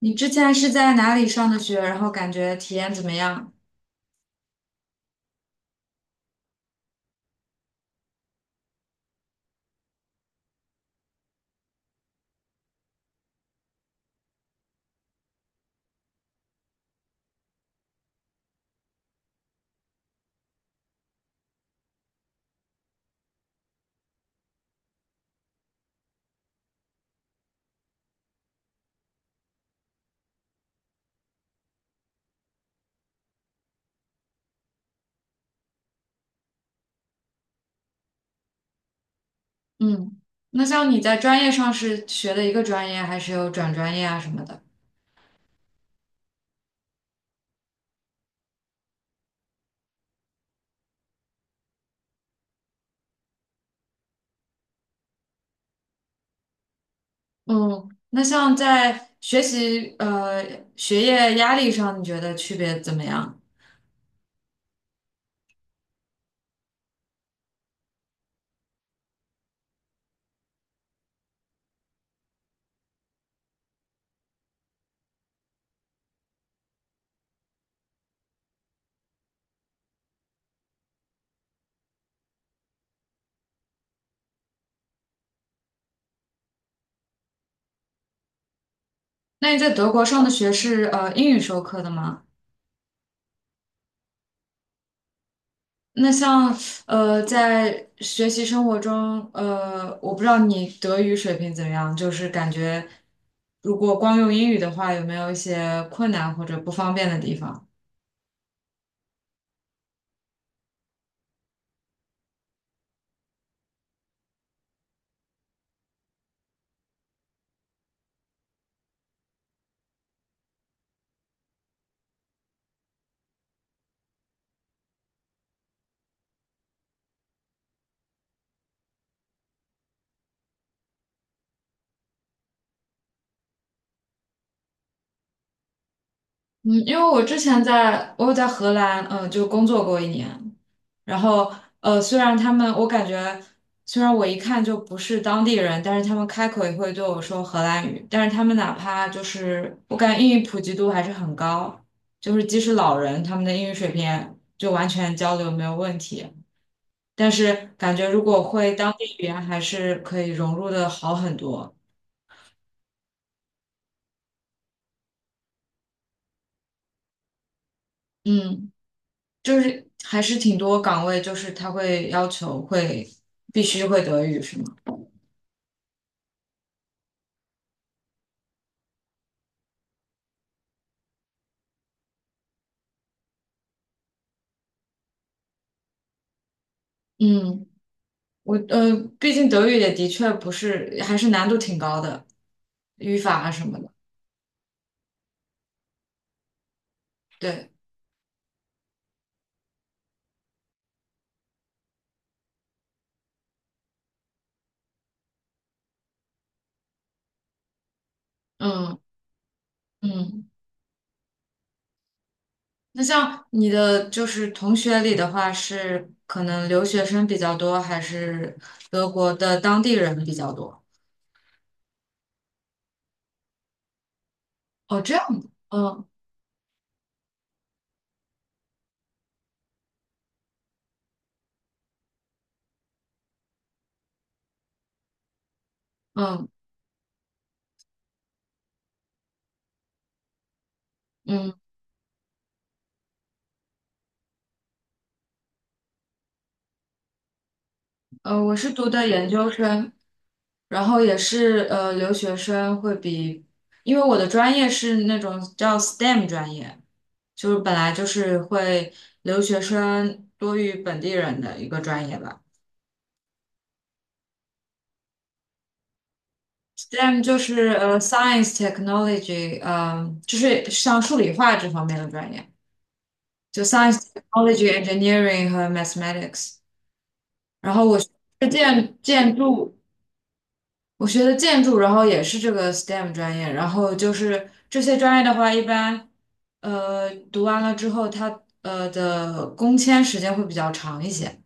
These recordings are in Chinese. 你之前是在哪里上的学，然后感觉体验怎么样？嗯，那像你在专业上是学的一个专业，还是有转专业啊什么的？嗯，那像在学习学业压力上，你觉得区别怎么样？那你在德国上的学是英语授课的吗？那像在学习生活中，我不知道你德语水平怎么样，就是感觉如果光用英语的话，有没有一些困难或者不方便的地方？嗯，因为我之前我有在荷兰，就工作过一年，然后虽然他们我感觉，虽然我一看就不是当地人，但是他们开口也会对我说荷兰语，但是他们哪怕就是我感觉英语普及度还是很高，就是即使老人他们的英语水平就完全交流没有问题，但是感觉如果会当地语言还是可以融入的好很多。嗯。就是还是挺多岗位，就是他会要求必须会德语，是吗？嗯，我毕竟德语也的确不是，还是难度挺高的，语法啊什么的。对，嗯嗯。那像你的就是同学里的话，是可能留学生比较多，还是德国的当地人比较多？哦，这样的，嗯嗯嗯。我是读的研究生，然后也是留学生会比，因为我的专业是那种叫 STEM 专业，就是本来就是会留学生多于本地人的一个专业吧。STEM 就是Science Technology，就是像数理化这方面的专业，就 Science Technology Engineering 和 Mathematics。然后我是建筑。我学的建筑，然后也是这个 STEM 专业，然后就是这些专业的话，一般读完了之后，它的工签时间会比较长一些，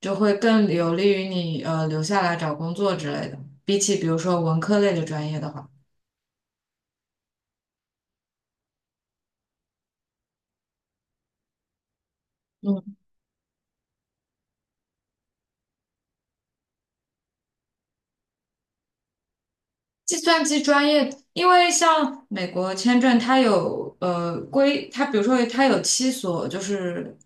就会更有利于你留下来找工作之类的，比起比如说文科类的专业的话。计算机专业，因为像美国签证，它有规，它比如说它有七所，就是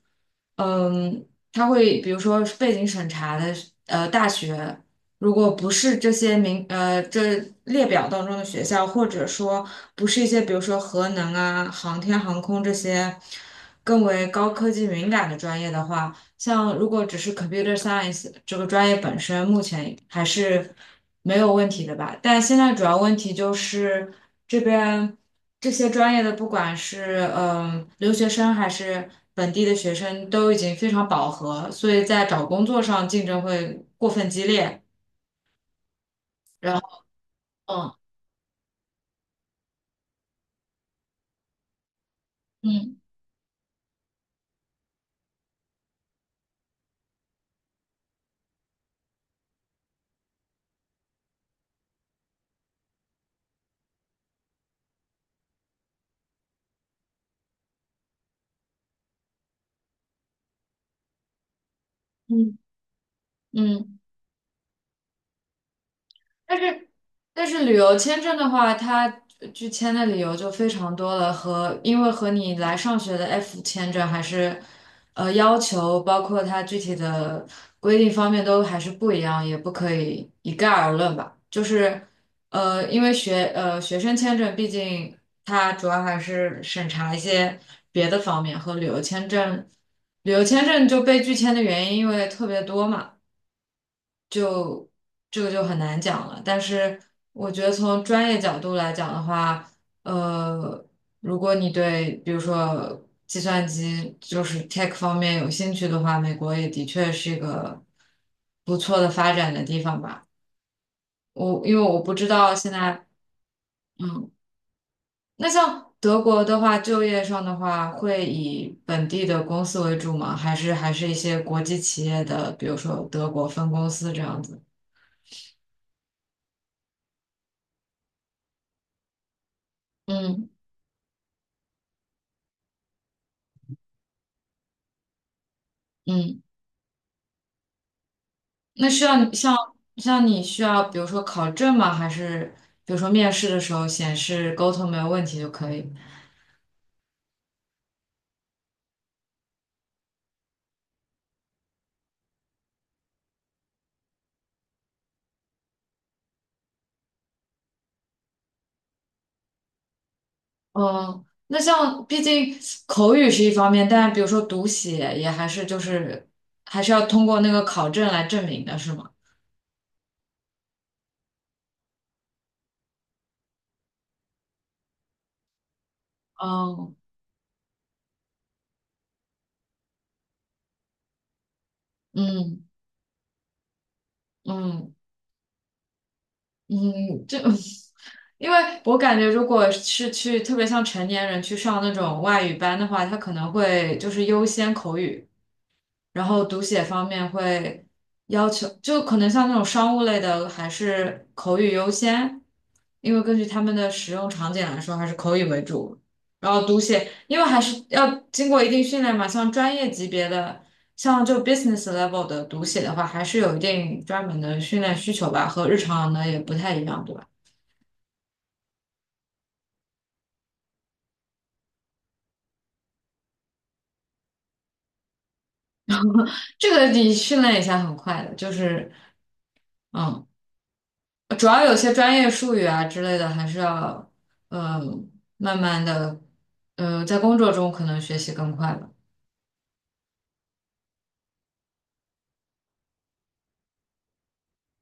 它会比如说是背景审查的大学，如果不是这些名这列表当中的学校，或者说不是一些比如说核能啊、航天航空这些更为高科技敏感的专业的话。像如果只是 computer science 这个专业本身，目前还是没有问题的吧。但现在主要问题就是这边这些专业的，不管是留学生还是本地的学生，都已经非常饱和，所以在找工作上竞争会过分激烈。然后，嗯嗯嗯嗯。但是旅游签证的话，它拒签的理由就非常多了，和因为和你来上学的 F 签证还是要求，包括它具体的规定方面都还是不一样，也不可以一概而论吧。就是因为学生签证，毕竟它主要还是审查一些别的方面，和旅游签证就被拒签的原因因为特别多嘛。这个就很难讲了。但是我觉得从专业角度来讲的话，呃，如果你对比如说计算机就是 tech 方面有兴趣的话，美国也的确是一个不错的发展的地方吧。因为我不知道现在。嗯，那像德国的话，就业上的话，会以本地的公司为主吗？还是一些国际企业的，比如说德国分公司这样子？嗯嗯。那需要你像你需要，比如说考证吗？还是比如说面试的时候显示沟通没有问题就可以？嗯，那像毕竟口语是一方面，但比如说读写也还是要通过那个考证来证明的，是吗？哦，嗯嗯嗯，这 因为我感觉，如果是去特别像成年人去上那种外语班的话，他可能会就是优先口语，然后读写方面会要求，就可能像那种商务类的，还是口语优先，因为根据他们的使用场景来说，还是口语为主。然后读写，因为还是要经过一定训练嘛，像专业级别的，像就 business level 的读写的话，还是有一定专门的训练需求吧，和日常的也不太一样，对吧？这个你训练一下很快的，就是。嗯。主要有些专业术语啊之类的，还是要嗯呃慢慢的，在工作中可能学习更快吧。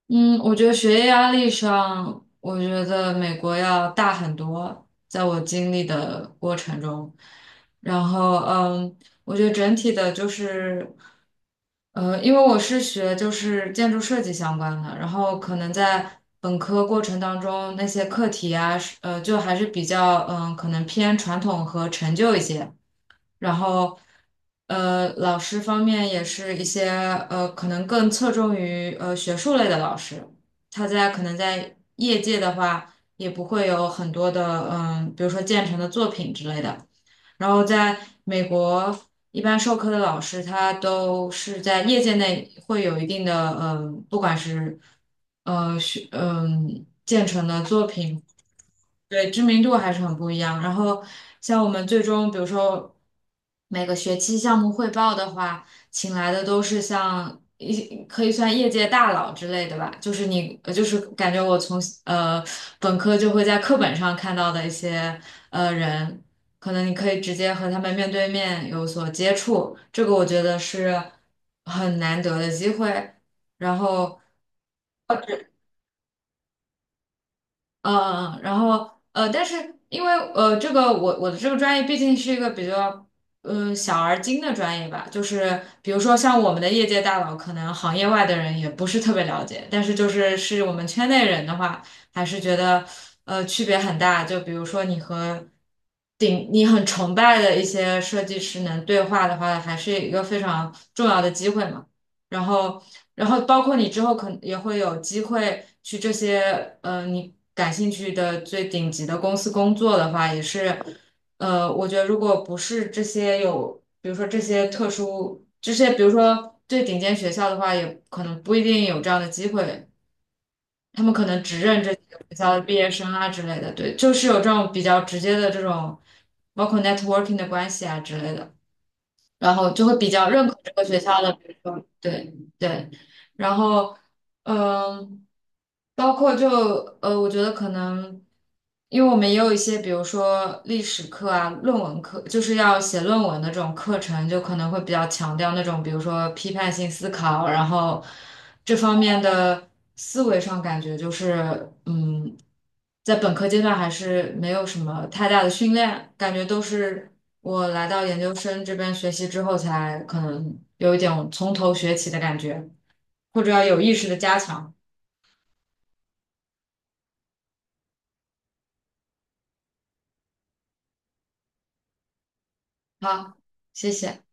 嗯，我觉得学业压力上，我觉得美国要大很多，在我经历的过程中，然后我觉得整体的就是，因为我是学就是建筑设计相关的，然后可能在本科过程当中那些课题啊，是就还是比较可能偏传统和陈旧一些。然后老师方面也是一些可能更侧重于学术类的老师，他在可能在业界的话，也不会有很多的比如说建成的作品之类的。然后在美国，一般授课的老师他都是在业界内会有一定的不管是呃学嗯建成的作品。对，知名度还是很不一样。然后像我们最终，比如说每个学期项目汇报的话，请来的都是像一可以算业界大佬之类的吧，就是你就是感觉我从本科就会在课本上看到的一些人，可能你可以直接和他们面对面有所接触，这个我觉得是很难得的机会。然后嗯，但是因为这个我的这个专业毕竟是一个比较小而精的专业吧，就是比如说像我们的业界大佬，可能行业外的人也不是特别了解，但是就是是我们圈内人的话，还是觉得区别很大。就比如说你和顶你很崇拜的一些设计师能对话的话，还是一个非常重要的机会嘛。然后，包括你之后可能也会有机会去这些你感兴趣的最顶级的公司工作的话，也是我觉得如果不是这些有，比如说这些特殊这些，比如说最顶尖学校的话，也可能不一定有这样的机会，他们可能只认这几个学校的毕业生啊之类的，对，就是有这种比较直接的这种，包括 networking 的关系啊之类的。然后就会比较认可这个学校的，比如说对对，然后嗯，包括就我觉得可能，因为我们也有一些，比如说历史课啊、论文课，就是要写论文的这种课程，就可能会比较强调那种，比如说批判性思考，然后这方面的思维上感觉就是，在本科阶段还是没有什么太大的训练，感觉都是我来到研究生这边学习之后才可能有一点从头学起的感觉。或者要有意识的加强。好，谢谢。